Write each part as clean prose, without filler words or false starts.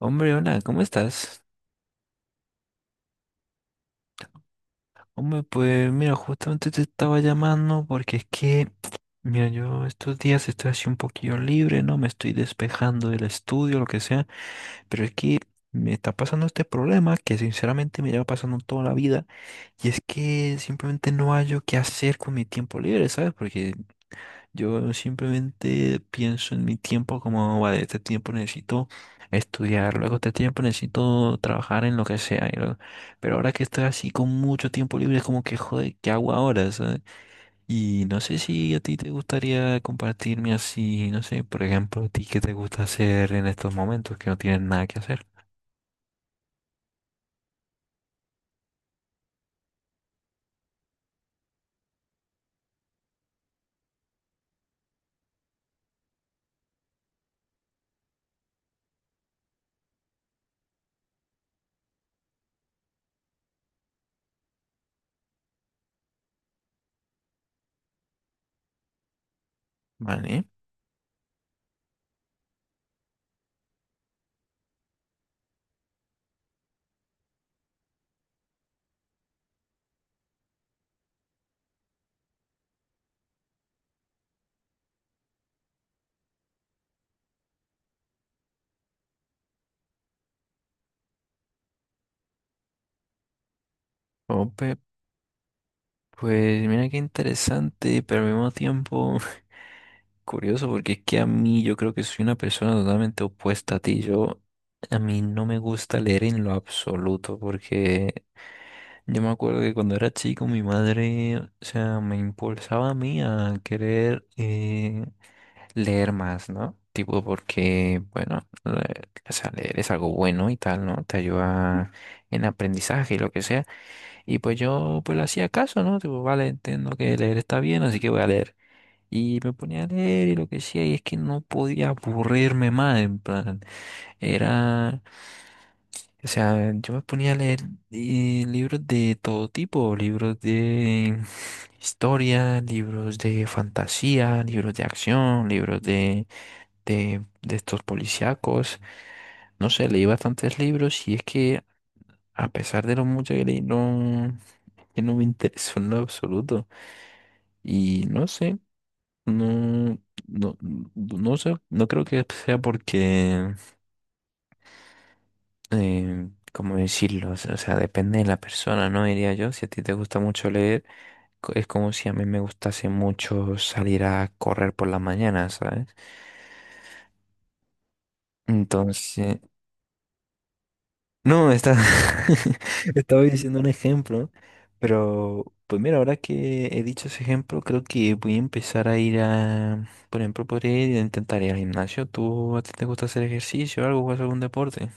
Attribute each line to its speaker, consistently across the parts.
Speaker 1: Hombre, hola, ¿cómo estás? Hombre, pues mira, justamente te estaba llamando porque es que, mira, yo estos días estoy así un poquillo libre, ¿no? Me estoy despejando del estudio, lo que sea, pero es que me está pasando este problema que sinceramente me lleva pasando toda la vida y es que simplemente no hallo qué hacer con mi tiempo libre, ¿sabes? Porque yo simplemente pienso en mi tiempo como, vale, este tiempo necesito estudiar, luego este tiempo necesito trabajar en lo que sea pero ahora que estoy así con mucho tiempo libre, es como que, joder, ¿qué hago ahora? ¿Sabes? Y no sé si a ti te gustaría compartirme así, no sé, por ejemplo, a ti qué te gusta hacer en estos momentos que no tienes nada que hacer. Vale. Ope, pues mira qué interesante, pero al mismo tiempo... Curioso, porque es que a mí yo creo que soy una persona totalmente opuesta a ti. Yo, a mí no me gusta leer en lo absoluto, porque yo me acuerdo que cuando era chico mi madre, o sea, me impulsaba a mí a querer leer más, ¿no? Tipo porque, bueno, o sea, leer es algo bueno y tal, ¿no? Te ayuda en aprendizaje y lo que sea. Y pues yo pues le hacía caso, ¿no? Tipo, vale, entiendo que leer está bien, así que voy a leer. Y me ponía a leer y lo que decía, y es que no podía aburrirme más, en plan, era, o sea, yo me ponía a leer libros de todo tipo, libros de historia, libros de fantasía, libros de acción, libros de estos policíacos, no sé, leí bastantes libros y es que a pesar de lo mucho que leí, no, que no me interesó en lo absoluto, y no sé. No, no, no sé, no creo que sea porque, ¿cómo decirlo? O sea, depende de la persona, ¿no? Diría yo, si a ti te gusta mucho leer, es como si a mí me gustase mucho salir a correr por la mañana, ¿sabes? Entonces, no, está, estaba diciendo un ejemplo, pero pues mira, ahora que he dicho ese ejemplo, creo que voy a empezar a ir a, por ejemplo, podría ir a intentar ir al gimnasio. ¿Tú a ti te gusta hacer ejercicio o algo? ¿Juegas algún deporte?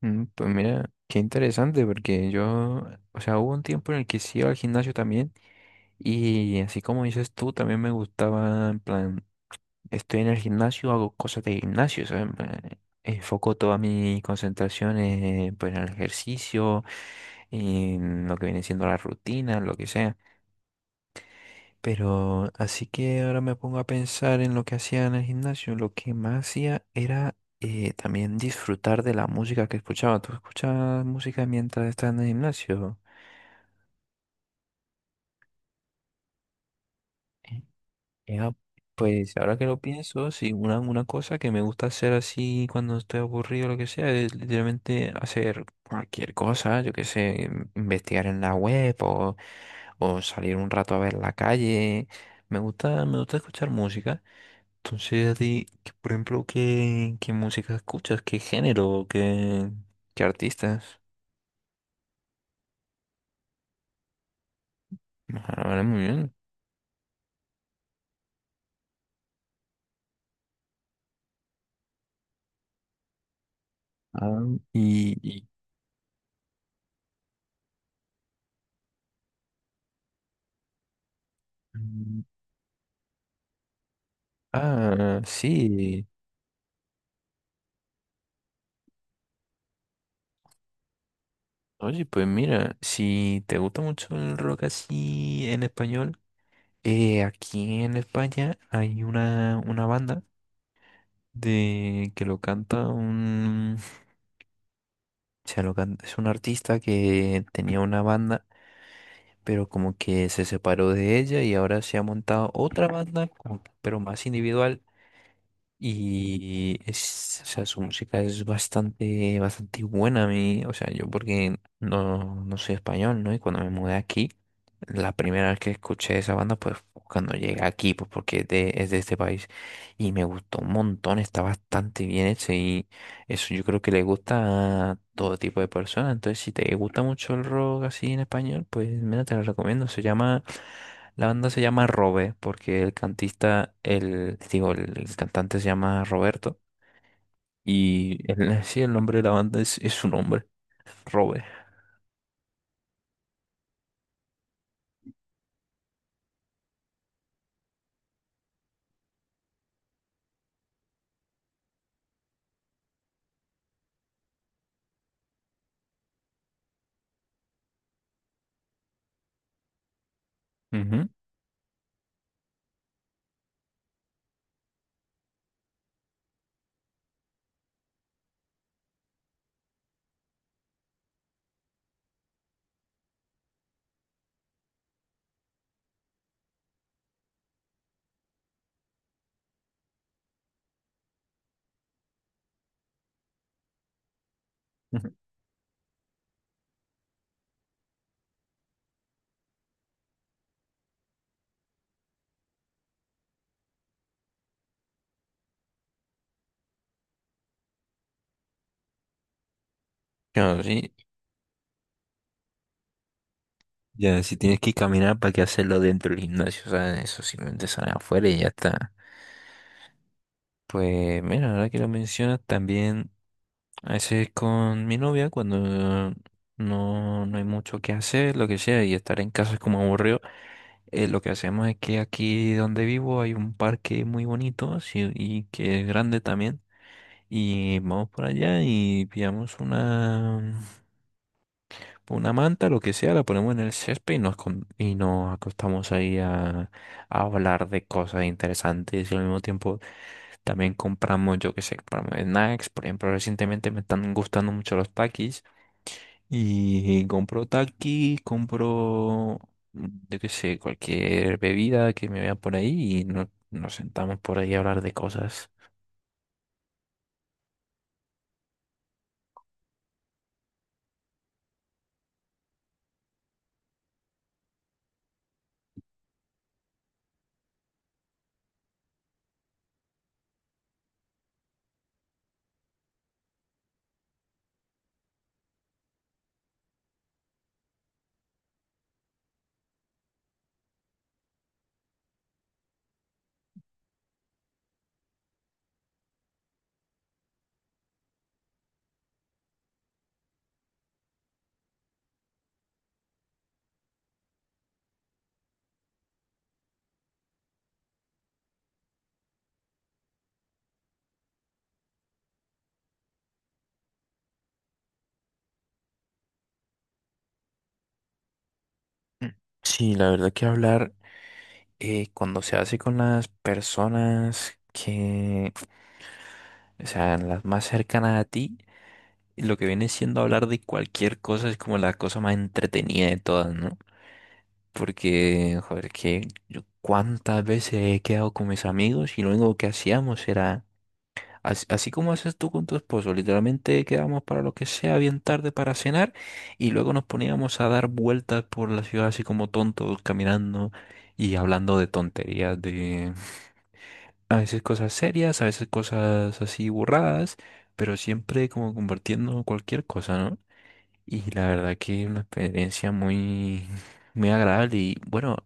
Speaker 1: Mm, pues mira, qué interesante, porque yo, o sea, hubo un tiempo en el que sí iba al gimnasio también, y así como dices tú, también me gustaba, en plan, estoy en el gimnasio, hago cosas de gimnasio, o en plan, enfoco toda mi concentración en, pues, en el ejercicio, en lo que viene siendo la rutina, lo que sea. Pero así que ahora me pongo a pensar en lo que hacía en el gimnasio. Lo que más hacía era también disfrutar de la música que escuchaba. ¿Tú escuchabas música mientras estás en el gimnasio? Eh, Era, pues ahora que lo pienso, sí, una cosa que me gusta hacer así cuando estoy aburrido o lo que sea, es literalmente hacer cualquier cosa, yo qué sé, investigar en la web o salir un rato a ver la calle. Me gusta escuchar música. Entonces, a ti, que, por ejemplo, ¿qué música escuchas? ¿Qué género? ¿Qué artistas? Ah, vale, muy bien. Ah, y, y- mm, ah, sí. Oye, pues mira, si te gusta mucho el rock así en español, aquí en España hay una banda de que lo canta un, o sea, lo canta, es un artista que tenía una banda pero como que se separó de ella y ahora se ha montado otra banda, como que- pero más individual. Y es, o sea, su música es bastante buena a mí. O sea, yo porque no, no soy español, ¿no? Y cuando me mudé aquí, la primera vez que escuché esa banda, pues cuando llegué aquí, pues porque es de este país. Y me gustó un montón, está bastante bien hecho, eso yo creo que le gusta a todo tipo de personas. Entonces, si te gusta mucho el rock así en español, pues mira, te lo recomiendo. Se llama, la banda se llama Robe, porque el cantista, el, digo, el cantante se llama Roberto. Y el, sí, el nombre de la banda es su nombre, Robe. Ujú, ujú. Claro, sí. Ya, si tienes que caminar, ¿para qué hacerlo dentro del gimnasio? O sea, eso simplemente sale afuera y ya está. Pues mira, ahora que lo mencionas, también. A veces con mi novia, cuando no, no hay mucho que hacer, lo que sea, y estar en casa es como aburrido, lo que hacemos es que aquí donde vivo hay un parque muy bonito sí, y que es grande también. Y vamos por allá y pillamos una manta, lo que sea, la ponemos en el césped y y nos acostamos ahí a hablar de cosas interesantes y al mismo tiempo también compramos, yo qué sé, compramos snacks. Por ejemplo, recientemente me están gustando mucho los Takis y compro takis compro, mm, yo qué sé, cualquier bebida que me vea por ahí y nos sentamos por ahí a hablar de cosas. Mm. Sí, la verdad que hablar cuando se hace con las personas que, o sea, las más cercanas a ti, lo que viene siendo hablar de cualquier cosa es como la cosa más entretenida de todas, ¿no? Porque, joder, que yo cuántas veces he quedado con mis amigos y lo único que hacíamos era así, así como haces tú con tu esposo, literalmente quedábamos para lo que sea bien tarde para cenar y luego nos poníamos a dar vueltas por la ciudad así como tontos, caminando y hablando de tonterías, de a veces cosas serias, a veces cosas así burradas, pero siempre como compartiendo cualquier cosa, ¿no? Y la verdad que es una experiencia muy agradable y bueno,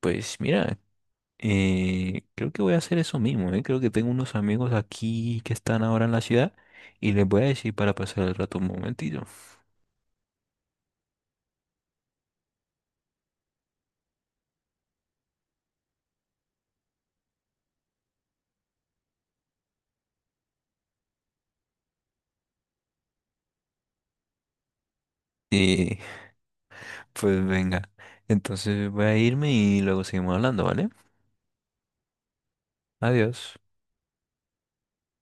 Speaker 1: pues mira. Creo que voy a hacer eso mismo, ¿eh? Creo que tengo unos amigos aquí que están ahora en la ciudad y les voy a decir para pasar el rato un momentito. Y pues venga, entonces voy a irme y luego seguimos hablando, ¿vale? Adiós.